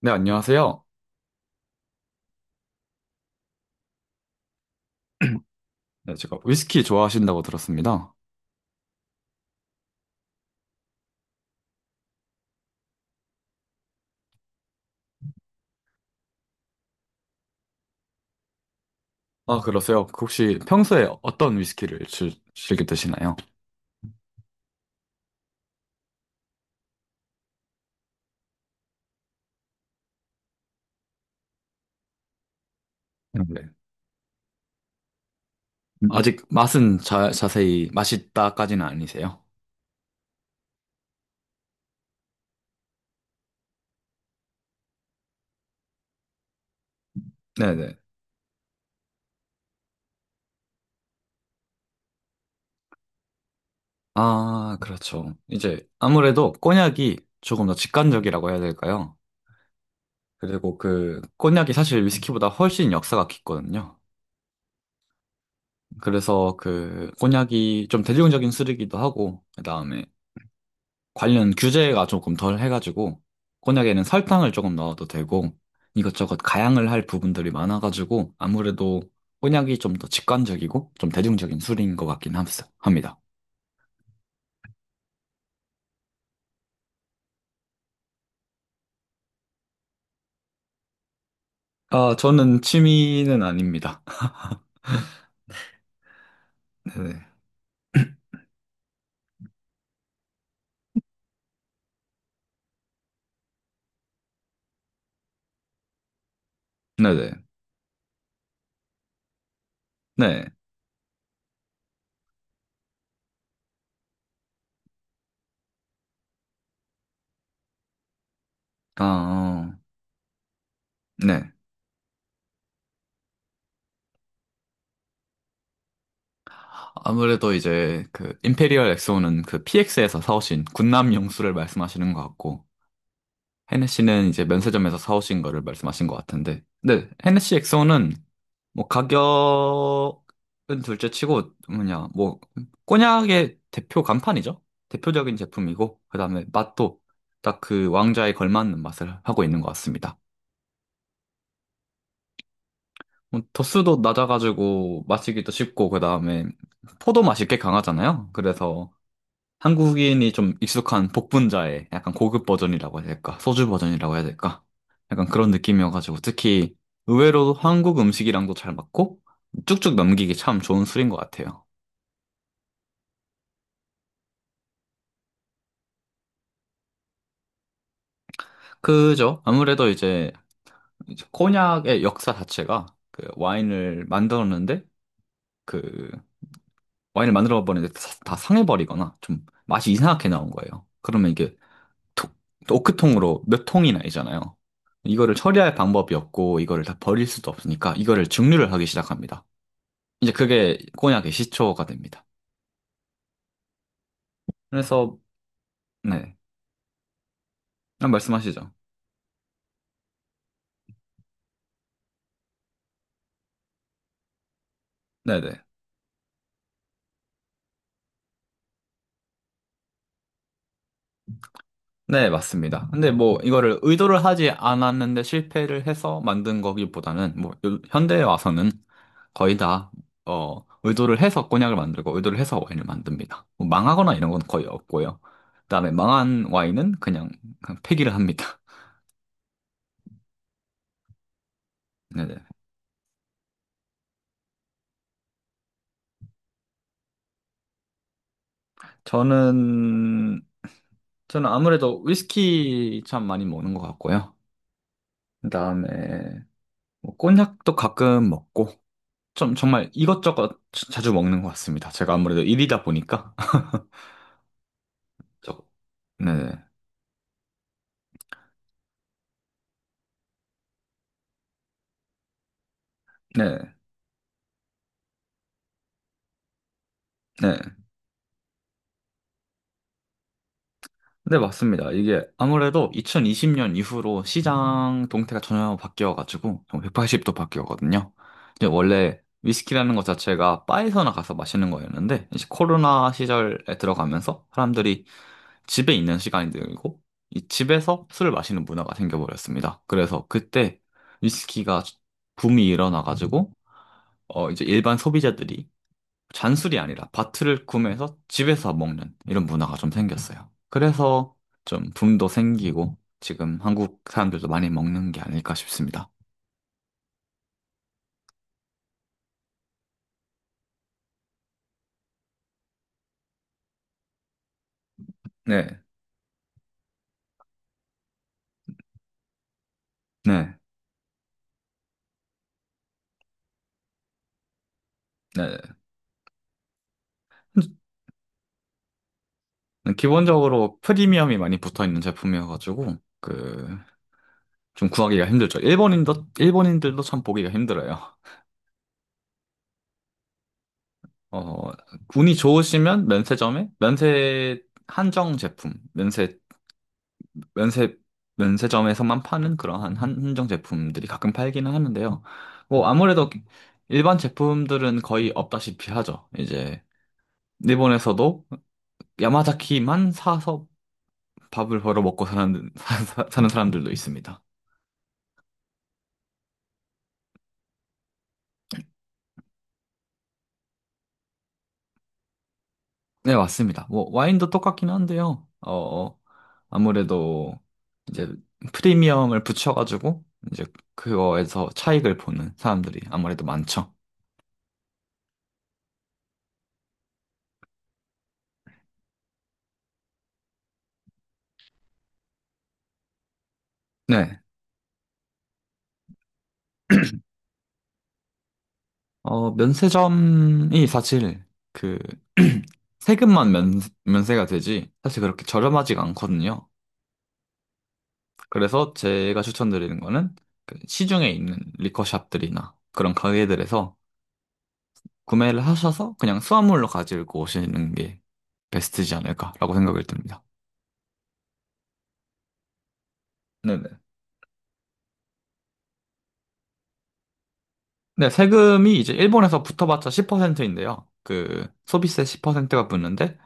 네, 안녕하세요. 네, 제가 위스키 좋아하신다고 들었습니다. 아, 그러세요? 그 혹시 평소에 어떤 위스키를 즐겨 드시나요? 네. 아직 맛은 자세히 맛있다까지는 아니세요? 네네. 아, 그렇죠. 이제 아무래도 꼬냑이 조금 더 직관적이라고 해야 될까요? 그리고 그 꼬냑이 사실 위스키보다 훨씬 역사가 깊거든요. 그래서 그 꼬냑이 좀 대중적인 술이기도 하고, 그다음에 관련 규제가 조금 덜 해가지고 곤약에는 설탕을 조금 넣어도 되고 이것저것 가양을 할 부분들이 많아가지고 아무래도 곤약이 좀 더 직관적이고 좀 대중적인 술인 것 같긴 합니다. 아, 저는 취미는 아닙니다. 네네. 네네. 네. 아, 어, 네. 아무래도 이제 그 임페리얼 엑소는 그 PX에서 사오신 군남 용수를 말씀하시는 것 같고, 헤네시는 이제 면세점에서 사오신 거를 말씀하신 것 같은데, 네, 헤네시 엑소는 뭐 가격은 둘째 치고 뭐냐 뭐 꼬냑의 대표 간판이죠. 대표적인 제품이고 그다음에 맛도 딱 그 왕좌에 걸맞는 맛을 하고 있는 것 같습니다. 뭐 도수도 낮아가지고 마시기도 쉽고 그다음에 포도 맛이 꽤 강하잖아요. 그래서 한국인이 좀 익숙한 복분자의 약간 고급 버전이라고 해야 될까? 소주 버전이라고 해야 될까? 약간 그런 느낌이어가지고 특히 의외로 한국 음식이랑도 잘 맞고 쭉쭉 넘기기 참 좋은 술인 것 같아요. 그죠? 아무래도 이제, 이제 코냑의 역사 자체가 그 와인을 만들었는데 그 와인을 만들어 버리는데 다 상해버리거나 좀 맛이 이상하게 나온 거예요. 그러면 이게 톡, 오크통으로 몇 통이 나이잖아요. 이거를 처리할 방법이 없고 이거를 다 버릴 수도 없으니까 이거를 증류를 하기 시작합니다. 이제 그게 코냑의 시초가 됩니다. 그래서 네, 한 말씀하시죠. 네네. 네, 맞습니다. 근데 뭐 이거를 의도를 하지 않았는데 실패를 해서 만든 거기보다는 뭐 현대에 와서는 거의 다 의도를 해서 cognac 을 만들고 의도를 해서 와인을 만듭니다. 뭐 망하거나 이런 건 거의 없고요. 그다음에 망한 와인은 그냥, 그냥 폐기를 합니다. 네네. 저는 저는 아무래도 위스키 참 많이 먹는 것 같고요. 그다음에 뭐 cognac 도 가끔 먹고 좀 정말 이것저것 자주 먹는 것 같습니다. 제가 아무래도 일이다 보니까. 저거. 네, 네, 네. 네, 맞습니다. 이게 아무래도 2020년 이후로 시장 동태가 전혀 바뀌어가지고 180도 바뀌었거든요. 이제 원래 위스키라는 것 자체가 바에서나 가서 마시는 거였는데, 이제 코로나 시절에 들어가면서 사람들이 집에 있는 시간이 늘고 이 집에서 술을 마시는 문화가 생겨버렸습니다. 그래서 그때 위스키가 붐이 일어나가지고 이제 일반 소비자들이 잔술이 아니라 밭을 구매해서 집에서 먹는 이런 문화가 좀 생겼어요. 그래서 좀 붐도 생기고 지금 한국 사람들도 많이 먹는 게 아닐까 싶습니다. 네, 네, 네. 기본적으로 프리미엄이 많이 붙어 있는 제품이어가지고 그 좀 구하기가 힘들죠. 일본인도 일본인들도 참 보기가 힘들어요. 어, 운이 좋으시면 면세점에 면세 한정 제품, 면세 면세 면세점에서만 파는 그러한 한정 제품들이 가끔 팔기는 하는데요. 뭐 아무래도 일반 제품들은 거의 없다시피 하죠. 이제 일본에서도 야마자키만 사서 밥을 벌어 먹고 사는 사는 사람들도 있습니다. 네, 맞습니다. 뭐 와인도 똑같긴 한데요. 아무래도 이제 프리미엄을 붙여가지고 이제 그거에서 차익을 보는 사람들이 아무래도 많죠. 네. 어, 면세점이 사실 그 세금만 면세가 되지 사실 그렇게 저렴하지가 않거든요. 그래서 제가 추천드리는 거는 그 시중에 있는 리커샵들이나 그런 가게들에서 구매를 하셔서 그냥 수화물로 가지고 오시는 게 베스트지 않을까라고 생각이 듭니다. 네네. 네, 세금이 이제 일본에서 붙어봤자 10%인데요. 그 소비세 10%가 붙는데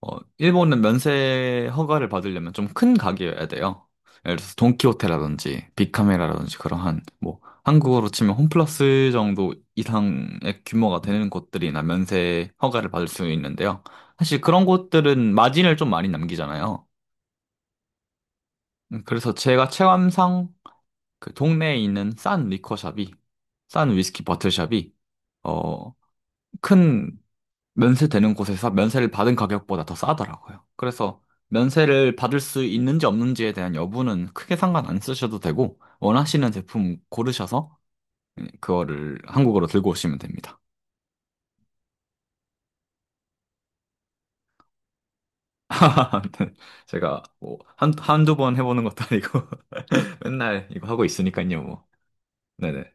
어, 일본은 면세 허가를 받으려면 좀 큰 가게여야 돼요. 예를 들어서 돈키호테라든지 빅카메라라든지 그러 한, 뭐, 한국어로 치면 홈플러스 정도 이상의 규모가 되는 곳들이나 면세 허가를 받을 수 있는데요. 사실 그런 곳들은 마진을 좀 많이 남기잖아요. 그래서 제가 체감상 그 동네에 있는 싼 리커샵이, 싼 위스키 버틀샵이, 어, 큰 면세되는 곳에서 면세를 받은 가격보다 더 싸더라고요. 그래서 면세를 받을 수 있는지 없는지에 대한 여부는 크게 상관 안 쓰셔도 되고, 원하시는 제품 고르셔서 그거를 한국으로 들고 오시면 됩니다. 네, 제가 뭐 한두 번 해보는 것도 아니고 맨날 이거 하고 있으니까요, 뭐. 네네.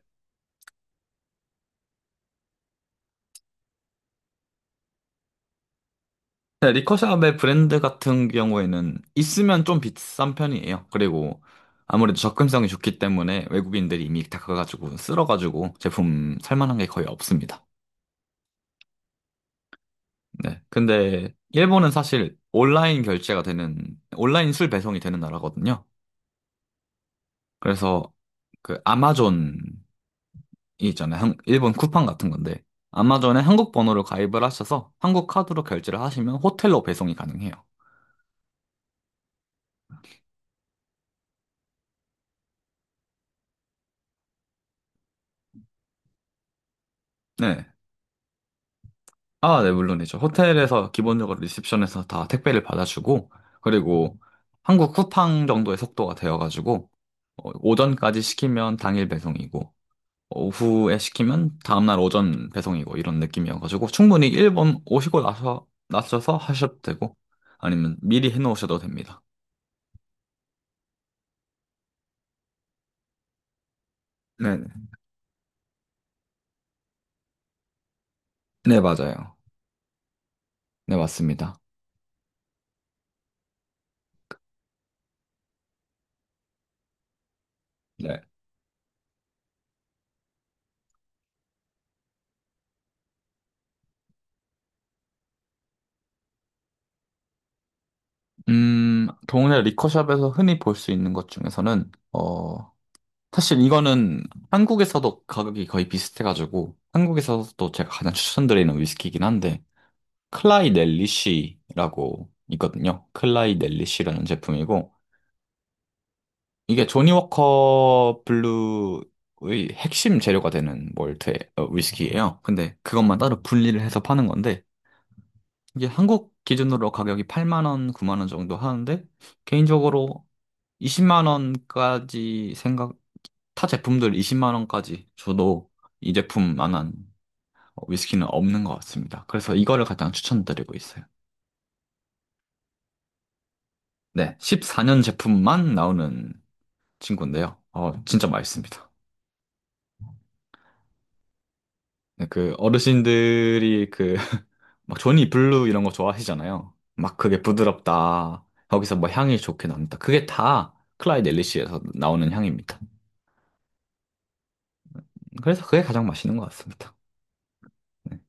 네, 리커샵의 브랜드 같은 경우에는 있으면 좀 비싼 편이에요. 그리고 아무래도 접근성이 좋기 때문에 외국인들이 이미 다 가가지고 쓸어가지고 제품 살만한 게 거의 없습니다. 네. 근데 일본은 사실 온라인 결제가 되는, 온라인 술 배송이 되는 나라거든요. 그래서 그 아마존이 있잖아요. 일본 쿠팡 같은 건데 아마존에 한국 번호를 가입을 하셔서 한국 카드로 결제를 하시면 호텔로 배송이 가능해요. 네. 아, 네, 물론이죠. 호텔에서 기본적으로 리셉션에서 다 택배를 받아주고, 그리고 한국 쿠팡 정도의 속도가 되어가지고, 어, 오전까지 시키면 당일 배송이고, 오후에 시키면 다음날 오전 배송이고, 이런 느낌이어가지고, 충분히 일본 오시고 나서, 나셔서 하셔도 되고, 아니면 미리 해놓으셔도 됩니다. 네네. 네, 맞아요. 네, 맞습니다. 네. 동네 리커샵에서 흔히 볼 수 있는 것 중에서는, 어, 사실 이거는 한국에서도 가격이 거의 비슷해가지고 한국에서도 제가 가장 추천드리는 위스키이긴 한데 클라이 넬리시라고 있거든요. 클라이 넬리시라는 제품이고 이게 조니 워커 블루의 핵심 재료가 되는 몰트 어, 위스키예요. 근데 그것만 따로 분리를 해서 파는 건데 이게 한국 기준으로 가격이 8만 원, 9만 원 정도 하는데 개인적으로 20만 원까지 생각 타 제품들 20만 원까지 줘도 이 제품만한 위스키는 없는 것 같습니다. 그래서 이거를 가장 추천드리고 있어요. 네, 14년 제품만 나오는 친구인데요. 어, 진짜 맛있습니다. 네, 그 어르신들이 그 막 조니 블루 이런 거 좋아하시잖아요. 막 그게 부드럽다. 거기서 뭐 향이 좋게 납니다. 그게 다 클라이드 엘리시에서 나오는 향입니다. 그래서 그게 가장 맛있는 것 같습니다. 네.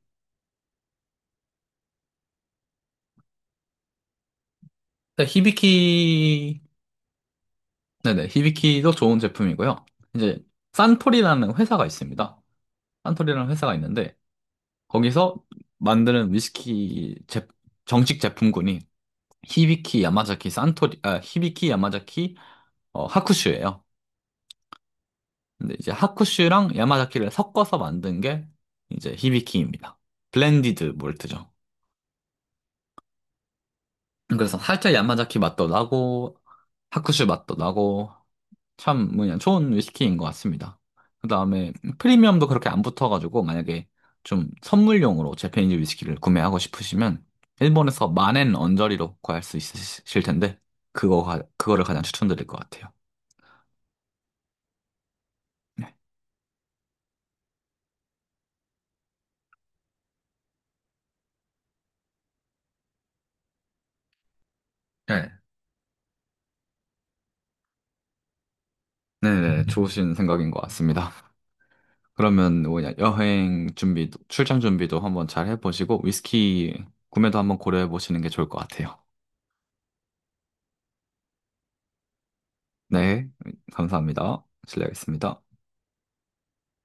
네, 히비키, 네네, 히비키도 좋은 제품이고요. 이제 산토리라는 회사가 있습니다. 산토리라는 회사가 있는데 거기서 만드는 정식 제품군이 히비키 야마자키 어, 하쿠슈예요. 근데 이제 하쿠슈랑 야마자키를 섞어서 만든 게 이제 히비키입니다. 블렌디드 몰트죠. 그래서 살짝 야마자키 맛도 나고 하쿠슈 맛도 나고 참 뭐냐 좋은 위스키인 것 같습니다. 그다음에 프리미엄도 그렇게 안 붙어가지고 만약에 좀 선물용으로 재패니즈 위스키를 구매하고 싶으시면 일본에서 만엔 언저리로 구할 수 있으실 텐데 그거를 가장 추천드릴 것 같아요. 네, 네, 네, 네, 좋으신 생각인 것 같습니다. 그러면 뭐냐, 여행 준비도, 출장 준비도 한번 잘 해보시고, 위스키 구매도 한번 고려해 보시는 게 좋을 것 같아요. 네, 감사합니다. 실례하겠습니다.